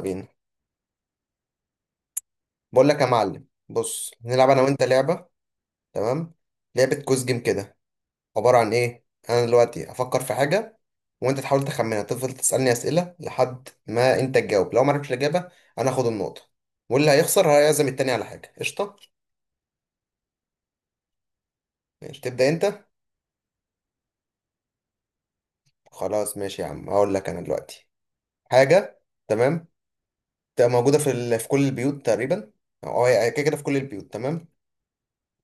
بينا. بقول لك يا معلم، بص نلعب انا وانت لعبه. تمام. لعبه كوز جيم كده. عباره عن ايه؟ انا دلوقتي افكر في حاجه وانت تحاول تخمنها. تفضل تسالني اسئله لحد ما انت تجاوب. لو ما عرفتش الاجابه انا اخد النقطه، واللي هيخسر هيعزم التاني على حاجه قشطه. ماشي، تبدا انت. خلاص ماشي يا عم، هقول لك انا دلوقتي حاجه. تمام. تبقى موجوده في في كل البيوت تقريبا، او هي كده كده في كل البيوت. تمام.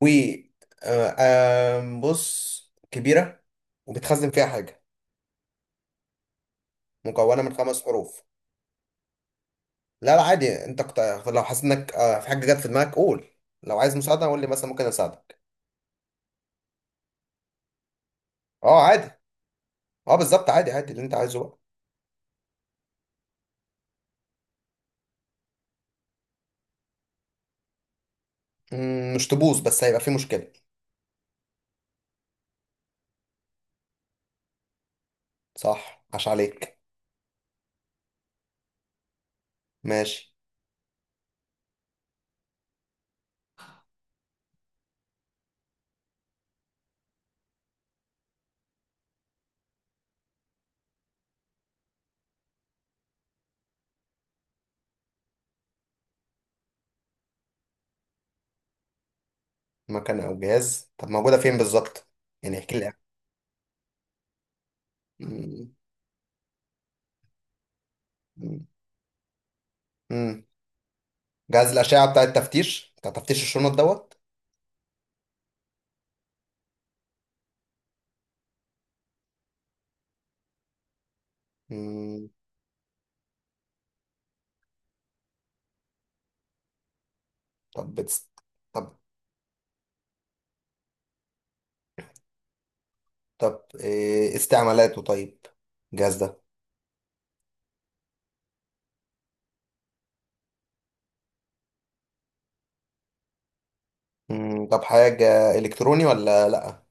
و آه، آم، بص، كبيره وبتخزن فيها حاجه، مكونة من خمس حروف. لا عادي، لو حاسس انك في حاجة جت في دماغك قول، لو عايز مساعدة قول لي، مثلا ممكن اساعدك. اه عادي. اه بالظبط، عادي اللي انت عايزه بقى. مم، مش تبوظ بس هيبقى في مشكلة. صح، عاش عليك. ماشي. مكان او جهاز؟ طب موجودة فين بالظبط؟ يعني احكي لي. مم، مم، مم. جهاز الأشعة بتاع التفتيش، بتاع تفتيش الشنط دوت. مم، طب بتس... طب طب إيه استعمالاته طيب، الجهاز ده؟ مم، طب حاجة إلكتروني ولا لأ؟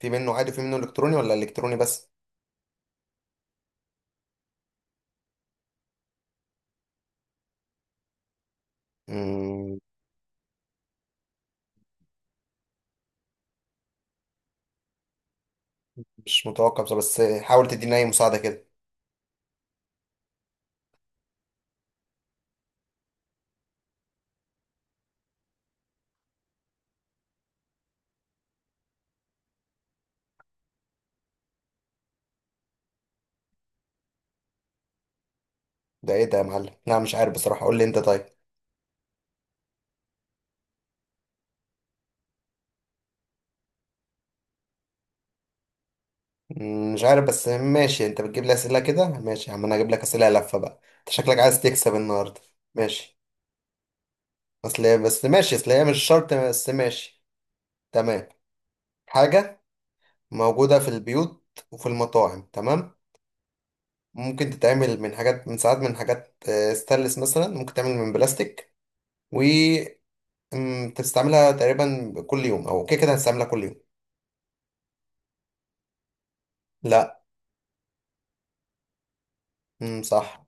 في منه عادي وفي منه إلكتروني، ولا إلكتروني بس؟ مم، مش متوقع بصراحة، بس حاول تديني أي مساعدة كده. ده إيه ده يا معلم؟ لا مش عارف بصراحة، قول لي أنت طيب. مم، مش عارف بس ماشي. أنت بتجيب لي أسئلة كده، ماشي يا عم، أنا هجيب لك أسئلة لفة بقى. أنت شكلك عايز تكسب النهاردة. ماشي، أصل هي- بس ماشي، أصل هي مش شرط، بس ماشي. تمام. حاجة موجودة في البيوت وفي المطاعم، تمام؟ ممكن تتعمل من حاجات، من ساعات من حاجات ستانلس، مثلا ممكن تعمل من بلاستيك. وتستعملها تقريبا كل يوم، او كده كده هتستعملها كل يوم. لا. امم، صح.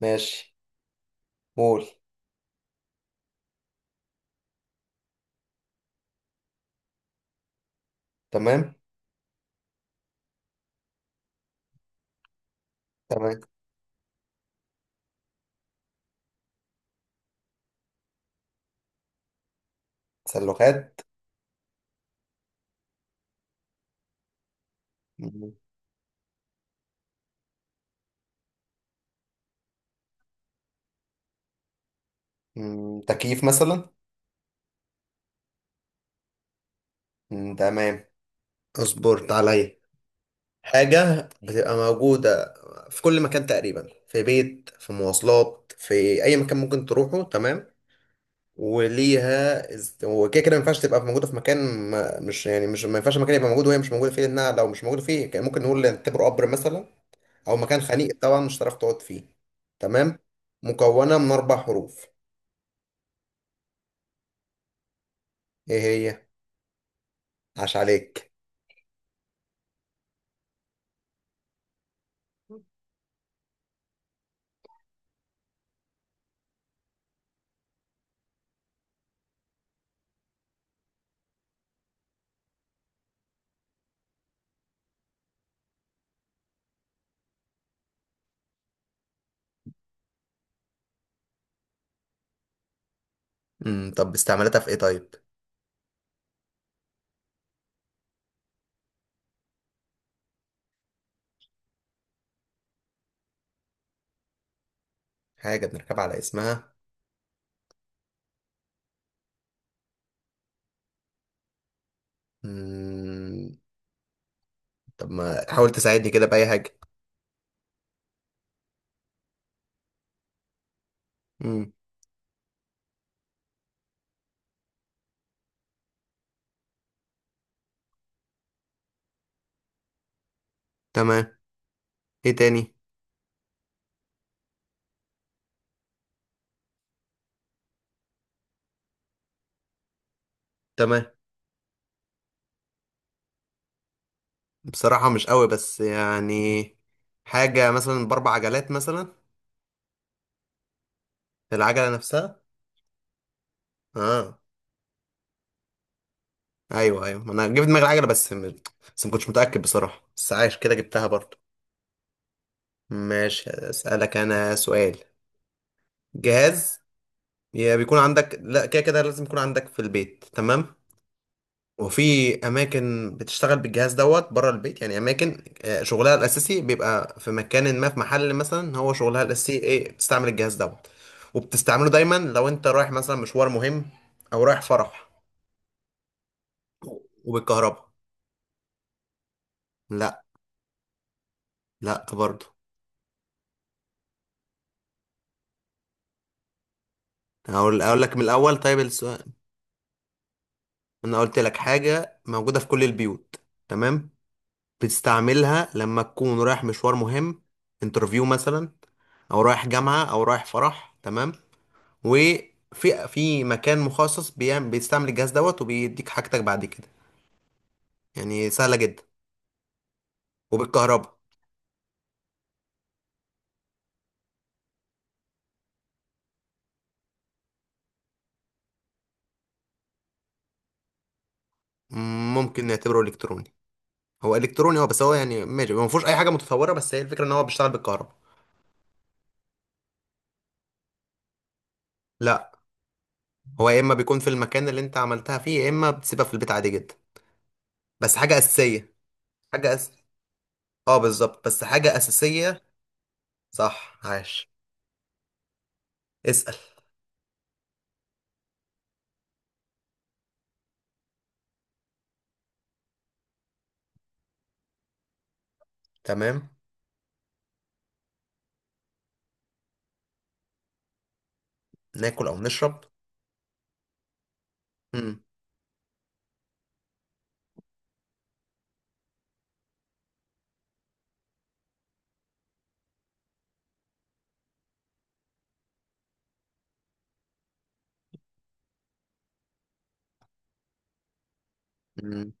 ماشي. قول. تمام. تمام. سلوخات. مم. مم، تكييف مثلا. مم، تمام. اصبرت عليا. حاجة بتبقى موجودة في كل مكان تقريبا، في بيت، في مواصلات، في أي مكان ممكن تروحه، تمام. وليها است- وكده كده ما ينفعش تبقى موجودة في مكان ما. مش يعني مش ما ينفعش المكان يبقى موجود وهي مش موجودة فيه، لأنها لو مش موجودة فيه كان ممكن نقول نعتبره قبر مثلا، او مكان خنيق طبعا مش هتعرف تقعد فيه. تمام. مكونه من اربع حروف. ايه هي؟ عاش عليك. امم، طب استعملتها في ايه طيب؟ حاجه بنركب على اسمها؟ مم. طب ما حاول تساعدني كده باي حاجه. امم. تمام. ايه تاني؟ تمام. بصراحة مش قوي، بس يعني حاجة مثلا بأربع عجلات مثلا؟ العجله نفسها؟ اه. ايوه ايوه، ما انا جبت دماغي العجلة، بس م... بس ما كنتش متأكد بصراحة، بس عايش كده جبتها برضه. ماشي، اسألك انا سؤال. جهاز يا بيكون عندك، لا كده كده لازم يكون عندك في البيت، تمام. وفي اماكن بتشتغل بالجهاز دوت بره البيت، يعني اماكن شغلها الاساسي بيبقى في مكان ما، في محل مثلا، هو شغلها الاساسي ايه؟ بتستعمل الجهاز دوت. وبتستعمله دايما لو انت رايح مثلا مشوار مهم، او رايح فرح. وبالكهرباء. لا. لا برضه. هقول، اقول لك من الاول طيب السؤال. انا قلت لك حاجه موجوده في كل البيوت، تمام. بتستعملها لما تكون رايح مشوار مهم، انترفيو مثلا، او رايح جامعة او رايح فرح، تمام. وفي مكان مخصص بيعمل بيستعمل الجهاز دوت وبيديك حاجتك بعد كده. يعني سهلة جدا. وبالكهرباء. مم، ممكن نعتبره الكتروني. هو الكتروني هو، بس هو يعني ماشي، ما فيهوش اي حاجة متطورة، بس هي الفكرة ان هو بيشتغل بالكهرباء. لا. هو يا اما بيكون في المكان اللي انت عملتها فيه، يا اما بتسيبها في البيت عادي جدا، بس حاجة أساسية. حاجة أس... اه بالظبط، بس حاجة أساسية. صح، عاش. اسأل. تمام. ناكل او نشرب. امم. مم.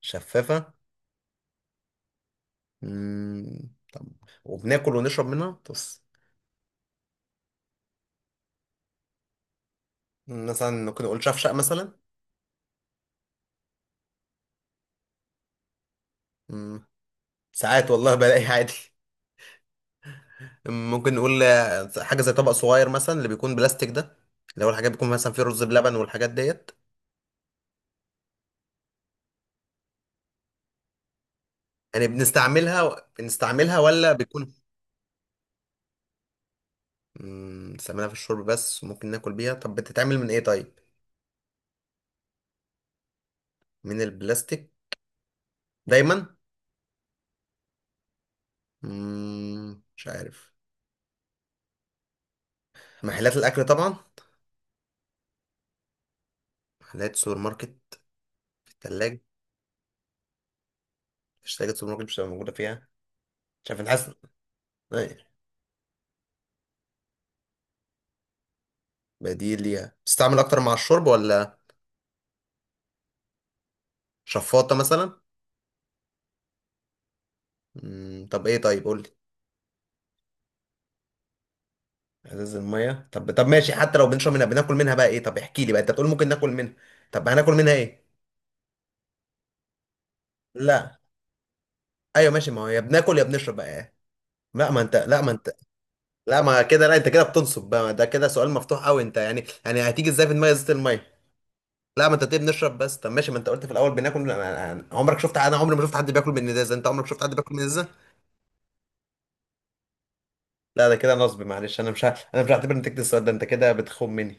شفافة. مم. طب، وبناكل ونشرب منها بس؟ مثلا ممكن نقول شفشق مثلا؟ مم. ساعات والله بلاقي عادي. ممكن نقول حاجة زي طبق صغير مثلا، اللي بيكون بلاستيك ده، اللي هو الحاجات بيكون مثلا فيه رز بلبن والحاجات ديت. يعني بنستعملها بنستعملها ولا بيكون؟ مم، بنستعملها في الشرب بس وممكن ناكل بيها؟ طب بتتعمل من ايه طيب؟ من البلاستيك؟ دايما؟ مم، مش عارف. محلات الاكل طبعا؟ محلات سوبر ماركت؟ في التلاجة. مفيش تلاجة سوبر ماركت مش هتبقى موجودة فيها. مش عارف نحس. أيوة. بديل ليها؟ بتستعمل أكتر مع الشرب ولا؟ شفاطة مثلا؟ مم. طب إيه طيب قول لي. ازاز المية؟ طب طب ماشي، حتى لو بنشرب منها بناكل منها بقى إيه؟ طب احكي لي بقى، أنت بتقول ممكن ناكل منها، طب هناكل منها إيه؟ لا. أيوة ماشي، ما هو يا بناكل يا بنشرب، بقى إيه؟ لا ما انت، لا ما انت. لا ما كده، لا انت كده بتنصب بقى، ده كده سؤال مفتوح قوي انت، يعني يعني هتيجي ازاي في دماغ ازازه الميه؟ لا ما انت ليه بنشرب بس؟ طب ماشي، ما انت قلت في الاول بناكل. انا انا- عمرك شفت، انا عمري ما شفت حد بياكل من ازازه، انت عمرك شفت حد بياكل من ازازه؟ لا ده كده نصب، معلش انا مش ه... انا مش هعتبر نتيجه السؤال ده، انت كده بتخون مني.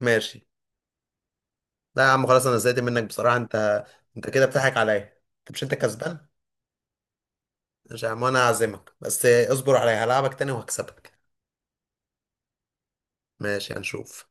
ماشي. لا يا عم خلاص، انا زهقت منك بصراحه. انت، انت كده بتضحك عليا. انت مش انت كسبان. مش يا عم، انا هعزمك، بس اصبر عليا هلعبك تاني وهكسبك. ماشي هنشوف.